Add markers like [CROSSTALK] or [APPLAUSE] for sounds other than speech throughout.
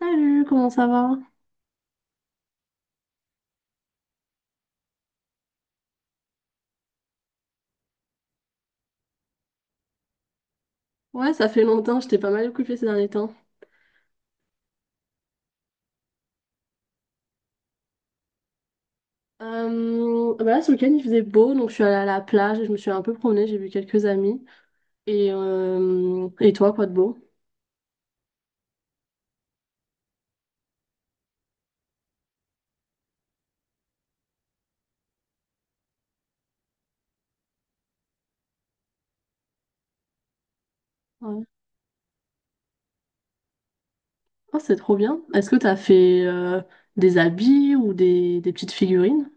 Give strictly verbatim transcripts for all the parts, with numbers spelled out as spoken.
Salut, comment ça va? Ouais, ça fait longtemps, j'étais pas mal occupée ces derniers temps. Euh, bah là, ce week-end, il faisait beau, donc je suis allée à la plage et je me suis un peu promenée, j'ai vu quelques amis. Et, euh, et toi, quoi de beau? Ouais. Oh, c'est trop bien. Est-ce que t'as fait euh, des habits ou des, des petites figurines?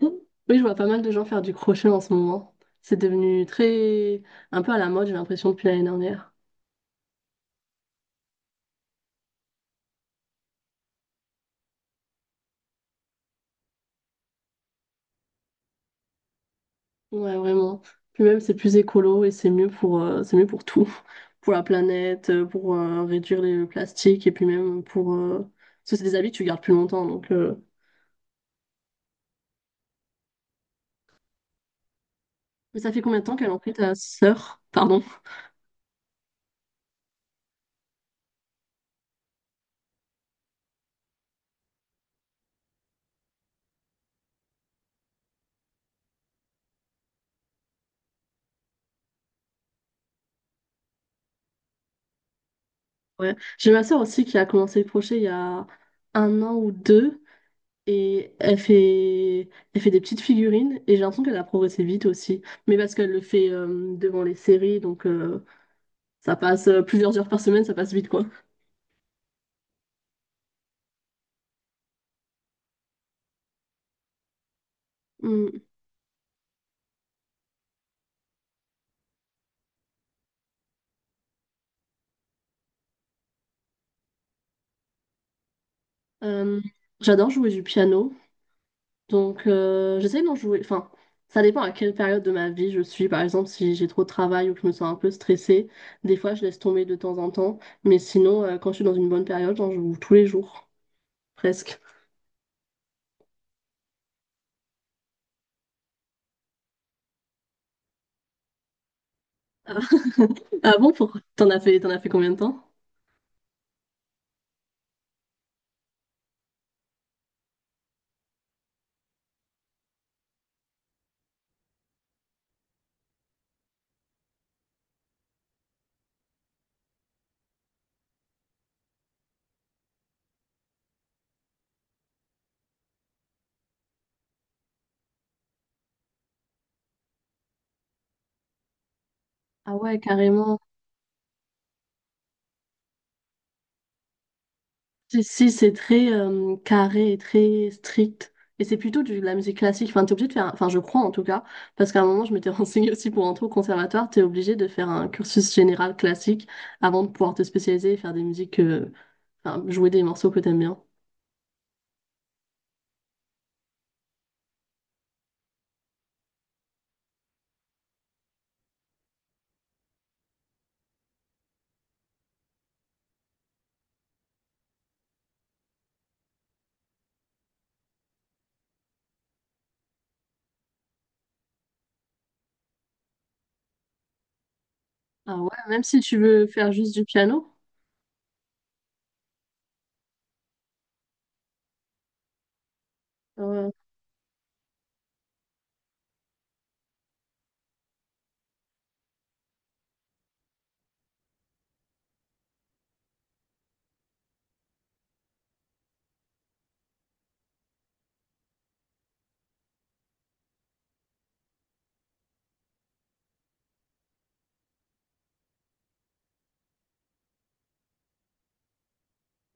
Mm. Oui, je vois pas mal de gens faire du crochet en ce moment. C'est devenu très... un peu à la mode, j'ai l'impression, depuis l'année dernière. Ouais, vraiment. Puis même, c'est plus écolo et c'est mieux pour, euh, c'est mieux pour tout. [LAUGHS] Pour la planète, euh, pour euh, réduire les- le plastique et puis même pour... euh, Parce que c'est des habits que tu gardes plus longtemps. Donc, euh. Mais ça fait combien de temps qu'elle en fait, ta sœur? [LAUGHS] Pardon. Ouais. J'ai ma sœur aussi qui a commencé le crochet il y a un an ou deux. Et elle fait, elle fait des petites figurines et j'ai l'impression qu'elle a progressé vite aussi. Mais parce qu'elle le fait euh, devant les séries, donc euh, ça passe euh, plusieurs heures par semaine, ça passe vite quoi. Mm. Euh, J'adore jouer du piano, donc euh, j'essaie d'en jouer. Enfin, ça dépend à quelle période de ma vie je suis. Par exemple, si j'ai trop de travail ou que je me sens un peu stressée, des fois je laisse tomber de temps en temps. Mais sinon, euh, quand je suis dans une bonne période, j'en joue tous les jours, presque. [LAUGHS] Ah bon, pourquoi? T'en as fait, t'en as fait combien de temps? Ah ouais, carrément. Si, si, c'est très euh, carré et très strict. Et c'est plutôt du- de la musique classique. Enfin, t'es obligé de faire, un- enfin, je crois en tout cas, parce qu'à un moment, je m'étais [LAUGHS] renseignée aussi pour entrer au conservatoire, t'es obligé de faire un cursus général classique avant de pouvoir te spécialiser et faire des musiques, euh, enfin, jouer des morceaux que t'aimes bien. Ah ouais, même si tu veux faire juste du piano, ah ouais,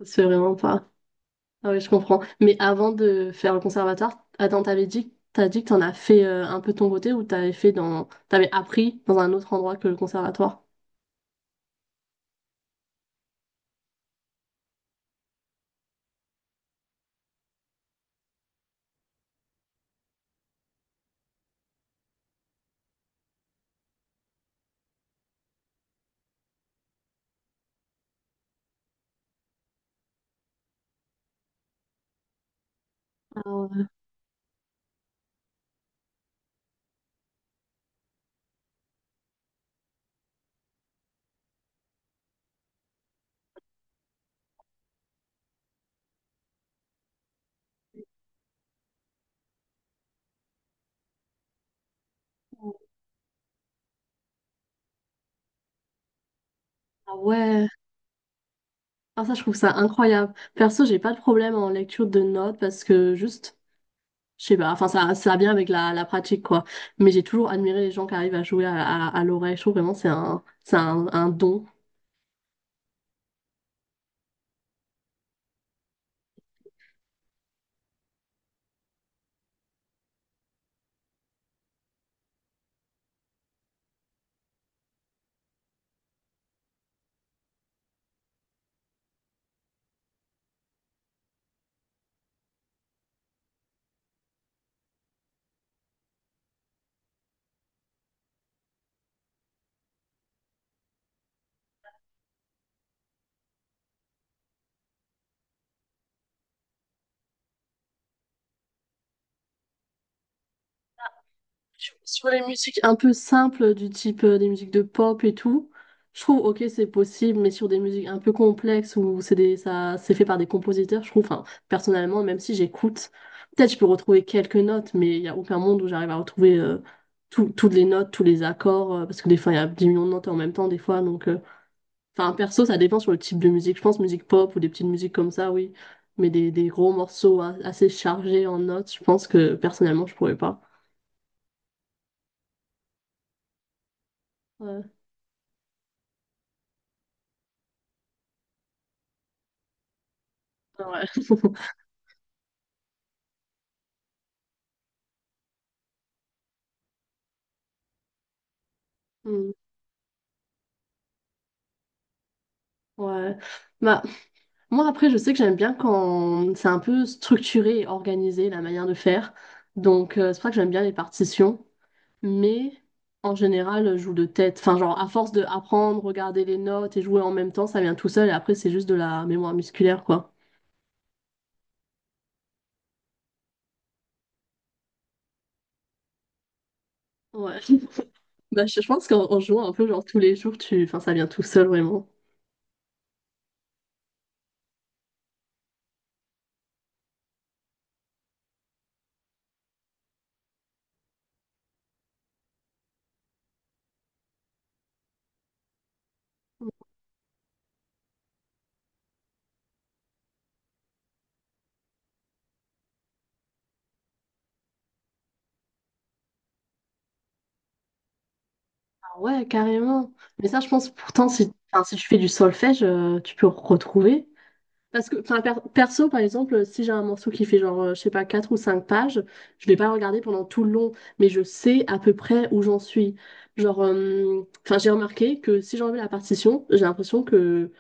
c'est vraiment pas. Ah ouais, je comprends. Mais avant de faire le conservatoire, attends, t'avais dit, t'as dit que t'en as fait euh, un peu de ton côté ou t'avais fait dans, t'avais appris dans un autre endroit que le conservatoire? Ah ouais, ah ça je trouve ça incroyable. Perso, j'ai pas de problème en lecture de notes parce que juste, je sais pas, enfin ça, ça vient avec la, la pratique quoi. Mais j'ai toujours admiré les gens qui arrivent à jouer à, à, à l'oreille. Je trouve vraiment c'est un, c'est un, un don. Sur les musiques un peu simples, du type euh, des musiques de pop et tout, je trouve, ok, c'est possible, mais sur des musiques un peu complexes où c'est des, ça, c'est fait par des compositeurs, je trouve, enfin, personnellement, même si j'écoute, peut-être je peux retrouver quelques notes, mais il n'y a aucun monde où j'arrive à retrouver euh, tout- toutes les notes, tous les accords, euh, parce que des fois, il y a dix millions de notes en même temps, des fois, donc, euh, enfin, perso, ça dépend sur le type de musique, je pense, musique pop ou des petites musiques comme ça, oui, mais des, des gros morceaux a- assez chargés en notes, je pense que personnellement, je pourrais pas. Ouais. Ouais. [LAUGHS] Mm. Ouais. Bah, moi, après, je sais que j'aime bien quand c'est un peu structuré et organisé la manière de faire. Donc, euh, c'est pour ça que j'aime bien les partitions. Mais en général, je joue de tête. Enfin, genre, à force de apprendre, regarder les notes et jouer en même temps, ça vient tout seul. Et après, c'est juste de la mémoire musculaire, quoi. Ouais. [LAUGHS] Bah, je je pense qu'en en jouant un peu, genre, tous les jours, tu... enfin, ça vient tout seul, vraiment. Ah ouais, carrément. Mais ça, je pense pourtant, si, enfin, si tu fais du solfège, euh, tu peux retrouver. Parce que, enfin, per- perso, par exemple, si j'ai un morceau qui fait genre, euh, je sais pas, quatre ou cinq pages, je vais pas le regarder pendant tout le long, mais je sais à peu près où j'en suis. Genre, euh, enfin, j'ai remarqué que si j'enlève la partition, j'ai l'impression que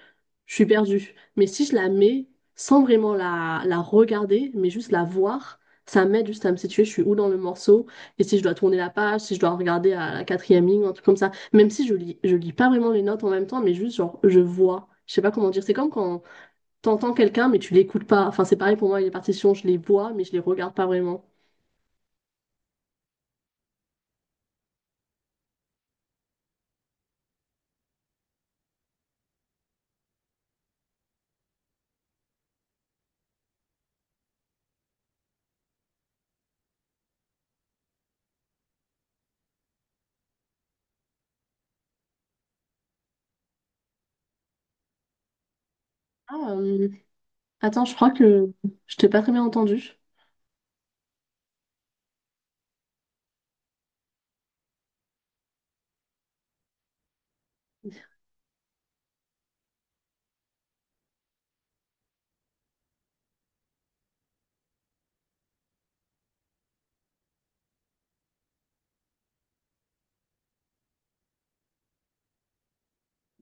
je suis perdue. Mais si je la mets sans vraiment la, la regarder, mais juste la voir, ça m'aide juste à me situer, je suis où dans le morceau, et si je dois tourner la page, si je dois regarder à la quatrième ligne, un truc comme ça. Même si je lis, je lis pas vraiment les notes en même temps, mais juste genre, je vois. Je sais pas comment dire. C'est comme quand t'entends quelqu'un, mais tu l'écoutes pas. Enfin, c'est pareil pour moi, les partitions, je les vois, mais je les regarde pas vraiment. Ah, euh, Attends, je crois que je t'ai pas très bien entendu.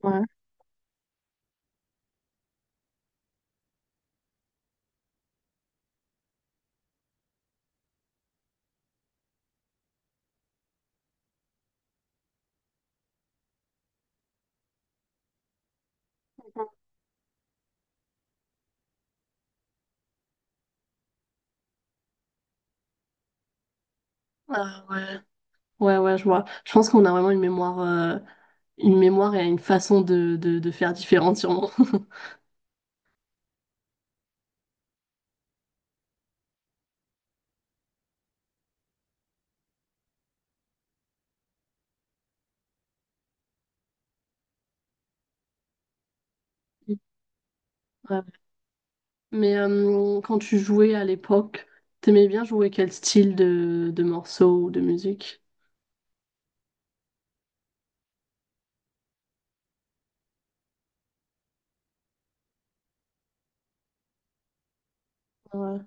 Ouais. Ah, ouais. Ouais, ouais, je vois. Je pense qu'on a vraiment une mémoire, euh, une mémoire et une façon de, de, de faire différente, sûrement. [LAUGHS] Ouais. Mais euh, quand tu jouais à l'époque, t'aimais bien jouer quel style de, de morceaux ou de musique? Ouais.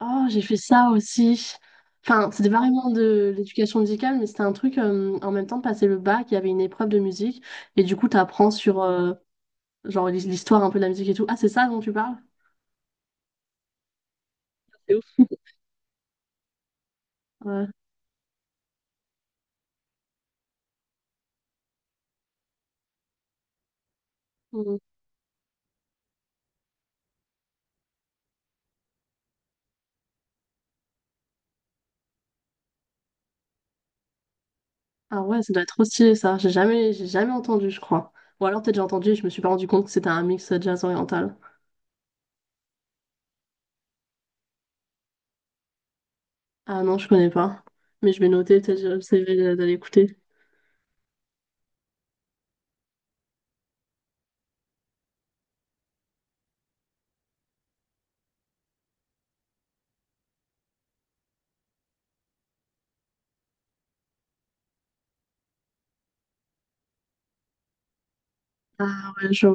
Oh, j'ai fait ça aussi. Enfin, c'était pas vraiment de l'éducation musicale, mais c'était un truc, euh, en même temps de passer le bac, il y avait une épreuve de musique, et du coup, t'apprends sur, euh, genre, l'his- l'histoire un peu de la musique et tout. Ah, c'est ça dont tu parles? C'est ouf. Ouais. Mm. Ah ouais, ça doit être trop stylé, ça. J'ai jamais, j'ai jamais entendu, je crois. Ou alors peut-être j'ai entendu et je me suis pas rendu compte que c'était un mix euh, jazz oriental. Ah non, je connais pas. Mais je vais noter, peut-être je j'essaierai d'aller écouter. Ah ouais, je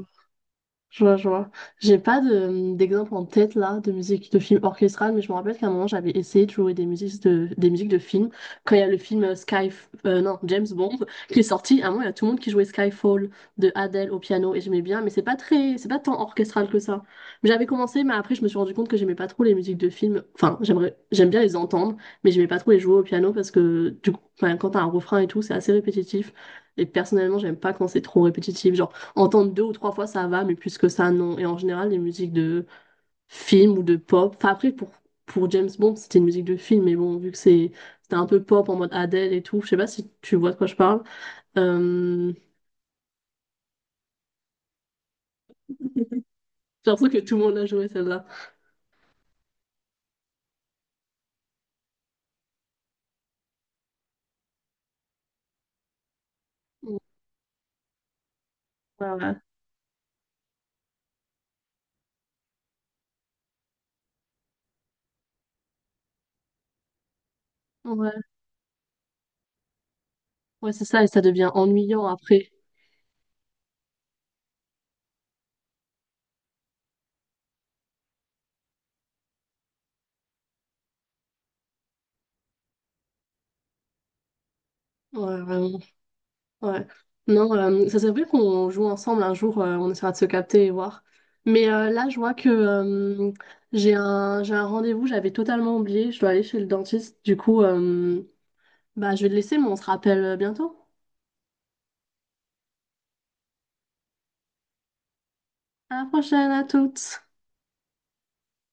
Je vois, je vois. J'ai pas de, d'exemple en tête là de musique de film orchestral, mais je me rappelle qu'à un moment j'avais essayé de jouer des musiques de, des musiques de films. Quand il y a le film euh, Sky, euh, non, James Bond qui est sorti, à un moment il y a tout le monde qui jouait Skyfall de Adele au piano et j'aimais bien, mais c'est pas très, c'est pas tant orchestral que ça. Mais j'avais commencé, mais après je me suis rendu compte que j'aimais pas trop les musiques de films. Enfin, j'aimerais, j'aime bien les entendre, mais j'aimais pas trop les jouer au piano parce que du coup, enfin, quand t'as un refrain et tout, c'est assez répétitif. Et personnellement, j'aime pas quand c'est trop répétitif. Genre, entendre deux ou trois fois, ça va, mais plus que ça, non. Et en général, les musiques de films ou de pop. Enfin, après, pour, pour James Bond, c'était une musique de film, mais bon, vu que c'est c'était un peu pop en mode Adele et tout, je sais pas si tu vois de quoi je parle. Euh, J'ai l'impression que tout le monde l'a joué, celle-là. Ouais, ouais, ouais, ouais, c'est ça, et ça devient ennuyant après. Ouais, vraiment. Ouais. Non, euh, ça serait bien qu'on joue ensemble un jour, euh, on essaiera de se capter et voir. Mais euh, là, je vois que euh, j'ai un, j'ai un rendez-vous, j'avais totalement oublié, je dois aller chez le dentiste. Du coup, euh, bah, je vais te laisser, mais on se rappelle euh, bientôt. À la prochaine, à toutes!